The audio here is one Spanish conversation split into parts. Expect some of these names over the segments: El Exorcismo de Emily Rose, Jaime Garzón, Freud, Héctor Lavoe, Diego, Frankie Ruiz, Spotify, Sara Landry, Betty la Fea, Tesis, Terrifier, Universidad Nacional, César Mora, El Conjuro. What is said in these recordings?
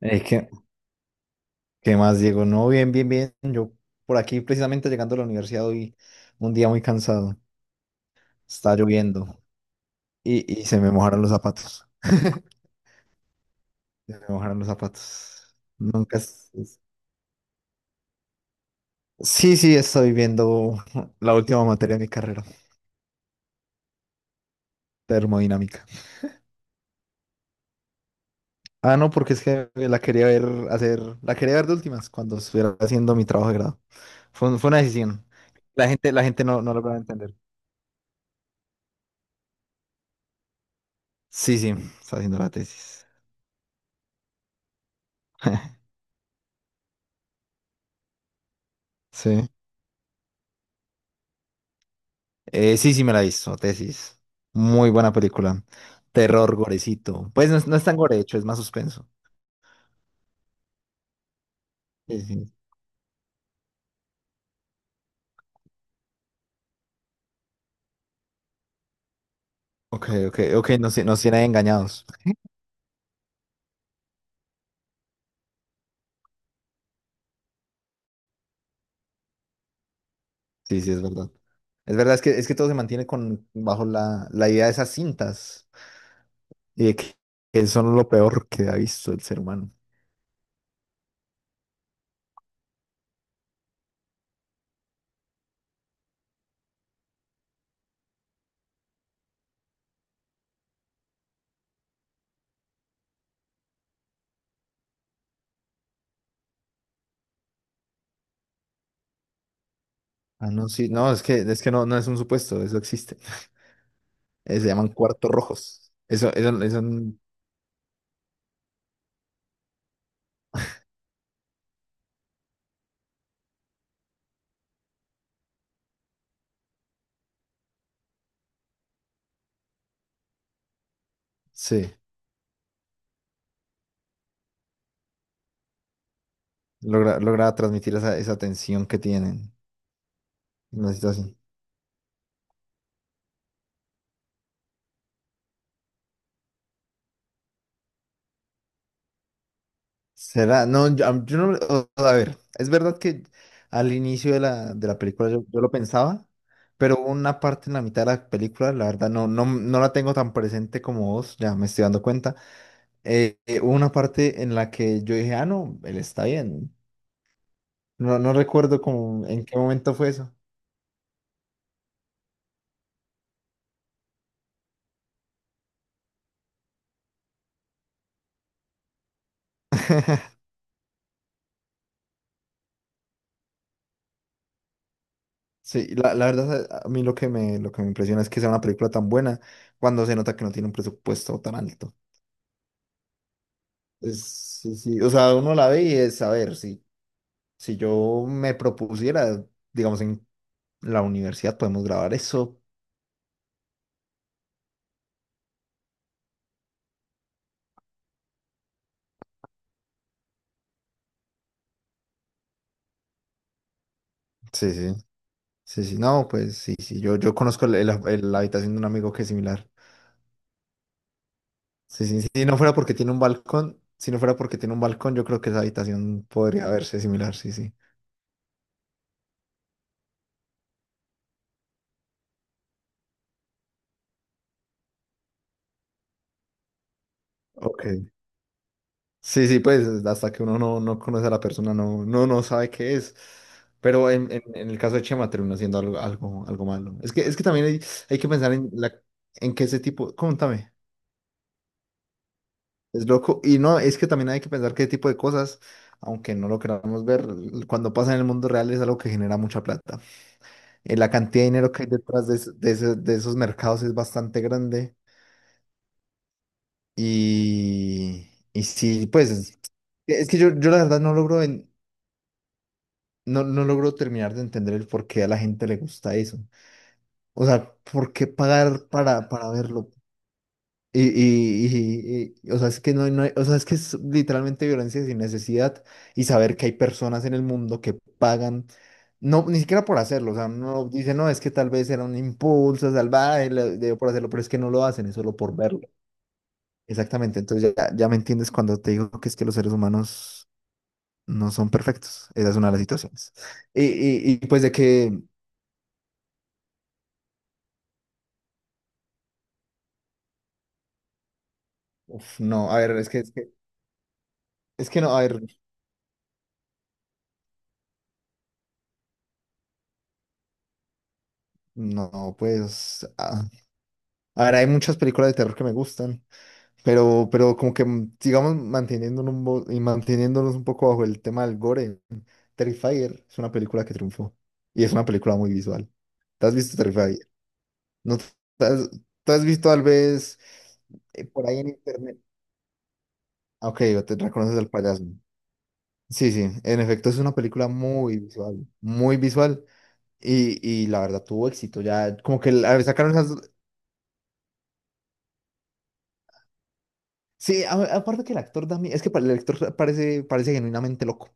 Eh, ¿qué, qué más, Diego? No, bien, bien, bien. Yo por aquí precisamente llegando a la universidad hoy, un día muy cansado. Está lloviendo y se me mojaron los zapatos. Se me mojaron los zapatos. Nunca... es- Sí, sí, estoy viendo la última materia de mi carrera, termodinámica. Ah, no, porque es que la quería ver hacer, la quería ver de últimas cuando estuviera haciendo mi trabajo de grado. Fue una decisión. La gente no, no logra entender. Sí, sí, está haciendo la tesis. Sí. Sí, sí me la he visto, Tesis. Muy buena película. Terror, gorecito. Pues no, es no es tan gore, de hecho, es más suspenso. Sí, sí. Ok, ok, ok, nos tiene engañados. Sí, sí, es verdad. Es verdad, es que todo se mantiene con, bajo la idea de esas cintas y de que son lo peor que ha visto el ser humano. Ah, no, sí, no, es que no, no es un supuesto, eso existe. Se llaman cuartos rojos. Eso, sí, logra, logra transmitir esa, esa tensión que tienen en la situación. Será, no, yo, am- yo no, a ver, es verdad que al inicio de de la película yo, yo lo pensaba, pero hubo una parte en la mitad de la película, la verdad no, no, no la tengo tan presente como vos, ya me estoy dando cuenta, hubo una parte en la que yo dije, ah, no, él está bien, no, no recuerdo como en qué momento fue eso. Sí, la verdad a mí lo que me impresiona es que sea una película tan buena cuando se nota que no tiene un presupuesto tan alto. Es, sí, sí, o sea, uno la ve y es, a ver, sí. Si yo me propusiera, digamos, en la universidad podemos grabar eso. Sí, sí. Sí, sí, no, pues sí, sí, yo conozco la habitación de un amigo que es similar. Sí, sí, sí, si no fuera porque tiene un balcón, si no fuera porque tiene un balcón, yo creo que esa habitación podría verse similar, sí, sí. Ok. Sí, sí, pues hasta que uno no, no conoce a la persona, no, no, no sabe qué es. Pero en, en el caso de Chema termina siendo algo, algo, algo malo. Es que también hay que pensar en, la, en que ese tipo, contame. Es loco. Y no, es que también hay que pensar qué tipo de cosas, aunque no lo queramos ver, cuando pasa en el mundo real es algo que genera mucha plata. La cantidad de dinero que hay detrás de, de de esos mercados es bastante grande. Y, y sí, pues es que yo la verdad no logro, no, no logro terminar de entender el por qué a la gente le gusta eso. O sea, ¿por qué pagar para verlo? O sea, es que no, o sea, es que es literalmente violencia sin necesidad y saber que hay personas en el mundo que pagan, no, ni siquiera por hacerlo, o sea, no dice, no, es que tal vez era un impulso salvaje, le dio por hacerlo, pero es que no lo hacen, es solo por verlo. Exactamente, entonces ya, ya me entiendes cuando te digo que es que los seres humanos no son perfectos, esa es una de las situaciones. Pues de uf, no, a ver, es que no, a ver, no, pues, ah, a ver, hay muchas películas de terror que me gustan. Pero como que sigamos manteniéndonos un, manteniéndonos un poco bajo el tema del gore. Terrifier es una película que triunfó y es una película muy visual. ¿Te has visto Terrifier? ¿No te has, te has visto tal vez por ahí en internet? Ah, Ok, o te reconoces al payaso. Sí, sí, en efecto es una película muy visual y la verdad tuvo éxito. Ya como que sacaron esas... Sí, aparte que el actor también, es que el actor parece, parece genuinamente loco.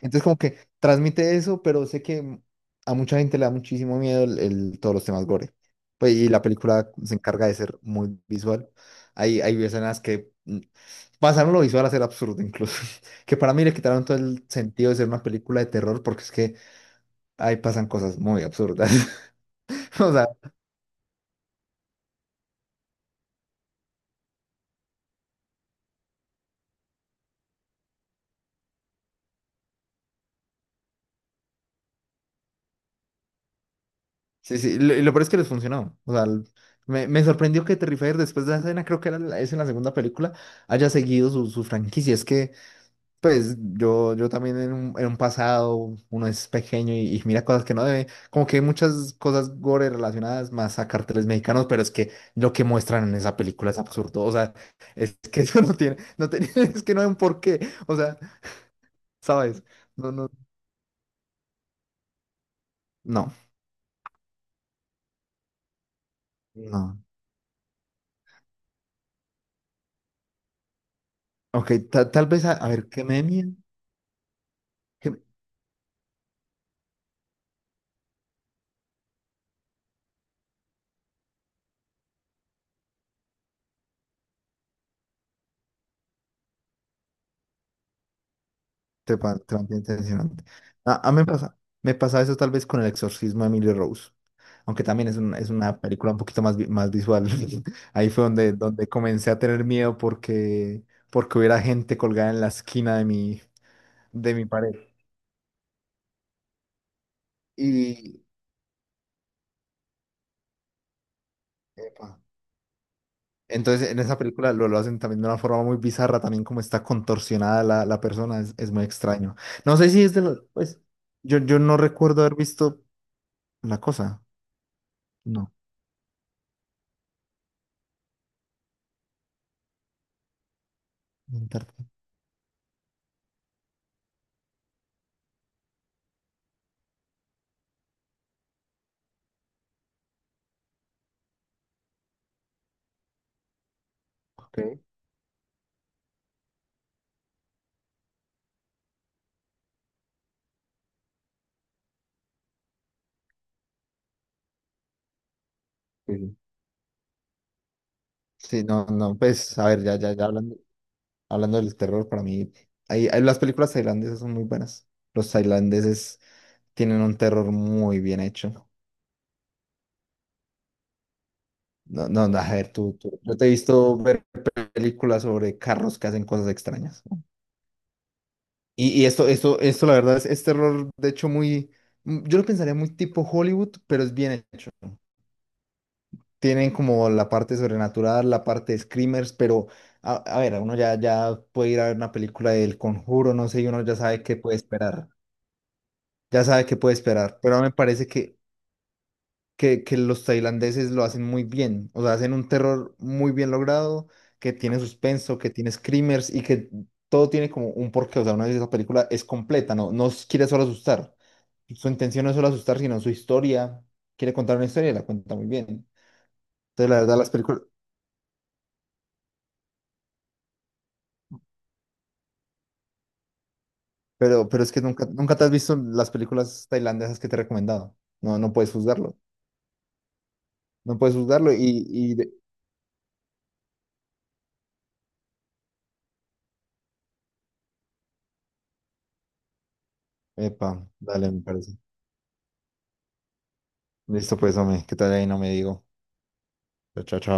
Entonces como que transmite eso, pero sé que a mucha gente le da muchísimo miedo todos los temas gore. Pues, y la película se encarga de ser muy visual. Hay escenas que pasaron lo visual a ser absurdo incluso. Que para mí le quitaron todo el sentido de ser una película de terror porque es que ahí pasan cosas muy absurdas. O sea, sí, sí. Lo, y lo peor es que les funcionó. O sea, me, me sorprendió que Terrifier después de la escena, creo que era la, es en la segunda película, haya seguido su, su franquicia. Es que... Pues yo también en un pasado, uno es pequeño y mira cosas que no debe, como que hay muchas cosas gore relacionadas más a carteles mexicanos, pero es que lo que muestran en esa película es absurdo, o sea, es que eso no tiene, no tiene, es que no hay un porqué, o sea, ¿sabes? No, no, no, no. Ok, tal vez, a ver, ¿qué me mía? Te, te mantiene tensionante. A mí me pasa eso tal vez con El Exorcismo de Emily Rose, aunque también es, es una película un poquito más, más visual. Ahí fue donde, donde comencé a tener miedo porque, porque hubiera gente colgada en la esquina de mi pared. Y epa, entonces en esa película lo hacen también de una forma muy bizarra, también como está contorsionada la, la persona, es muy extraño. No sé si es de los, pues, yo no recuerdo haber visto la cosa. No. Intarte. Ok. Sí, sí. Sí, no, no, pues, a ver, ya, ya, ya hablando, hablando del terror, para mí, las películas tailandesas son muy buenas. Los tailandeses tienen un terror muy bien hecho. No, no, no, a ver, tú, yo te he visto ver películas sobre carros que hacen cosas extrañas. Y esto, esto, esto, la verdad, es terror, de hecho, muy, yo lo pensaría muy tipo Hollywood, pero es bien hecho. Tienen como la parte sobrenatural, la parte de screamers, pero a ver, uno ya, ya puede ir a ver una película del Conjuro, no sé, y uno ya sabe qué puede esperar, ya sabe qué puede esperar, pero me parece que los tailandeses lo hacen muy bien, o sea, hacen un terror muy bien logrado, que tiene suspenso, que tiene screamers y que todo tiene como un porqué, o sea, una vez esa película es completa, no, no quiere solo asustar, su intención no es solo asustar, sino su historia, quiere contar una historia y la cuenta muy bien. Entonces, la verdad, las películas... pero es que nunca, nunca te has visto las películas tailandesas que te he recomendado. No, no puedes juzgarlo. No puedes juzgarlo Epa, dale, me parece. Listo, pues, hombre, ¿qué tal ahí? No me digo. Chao, chao. Chao.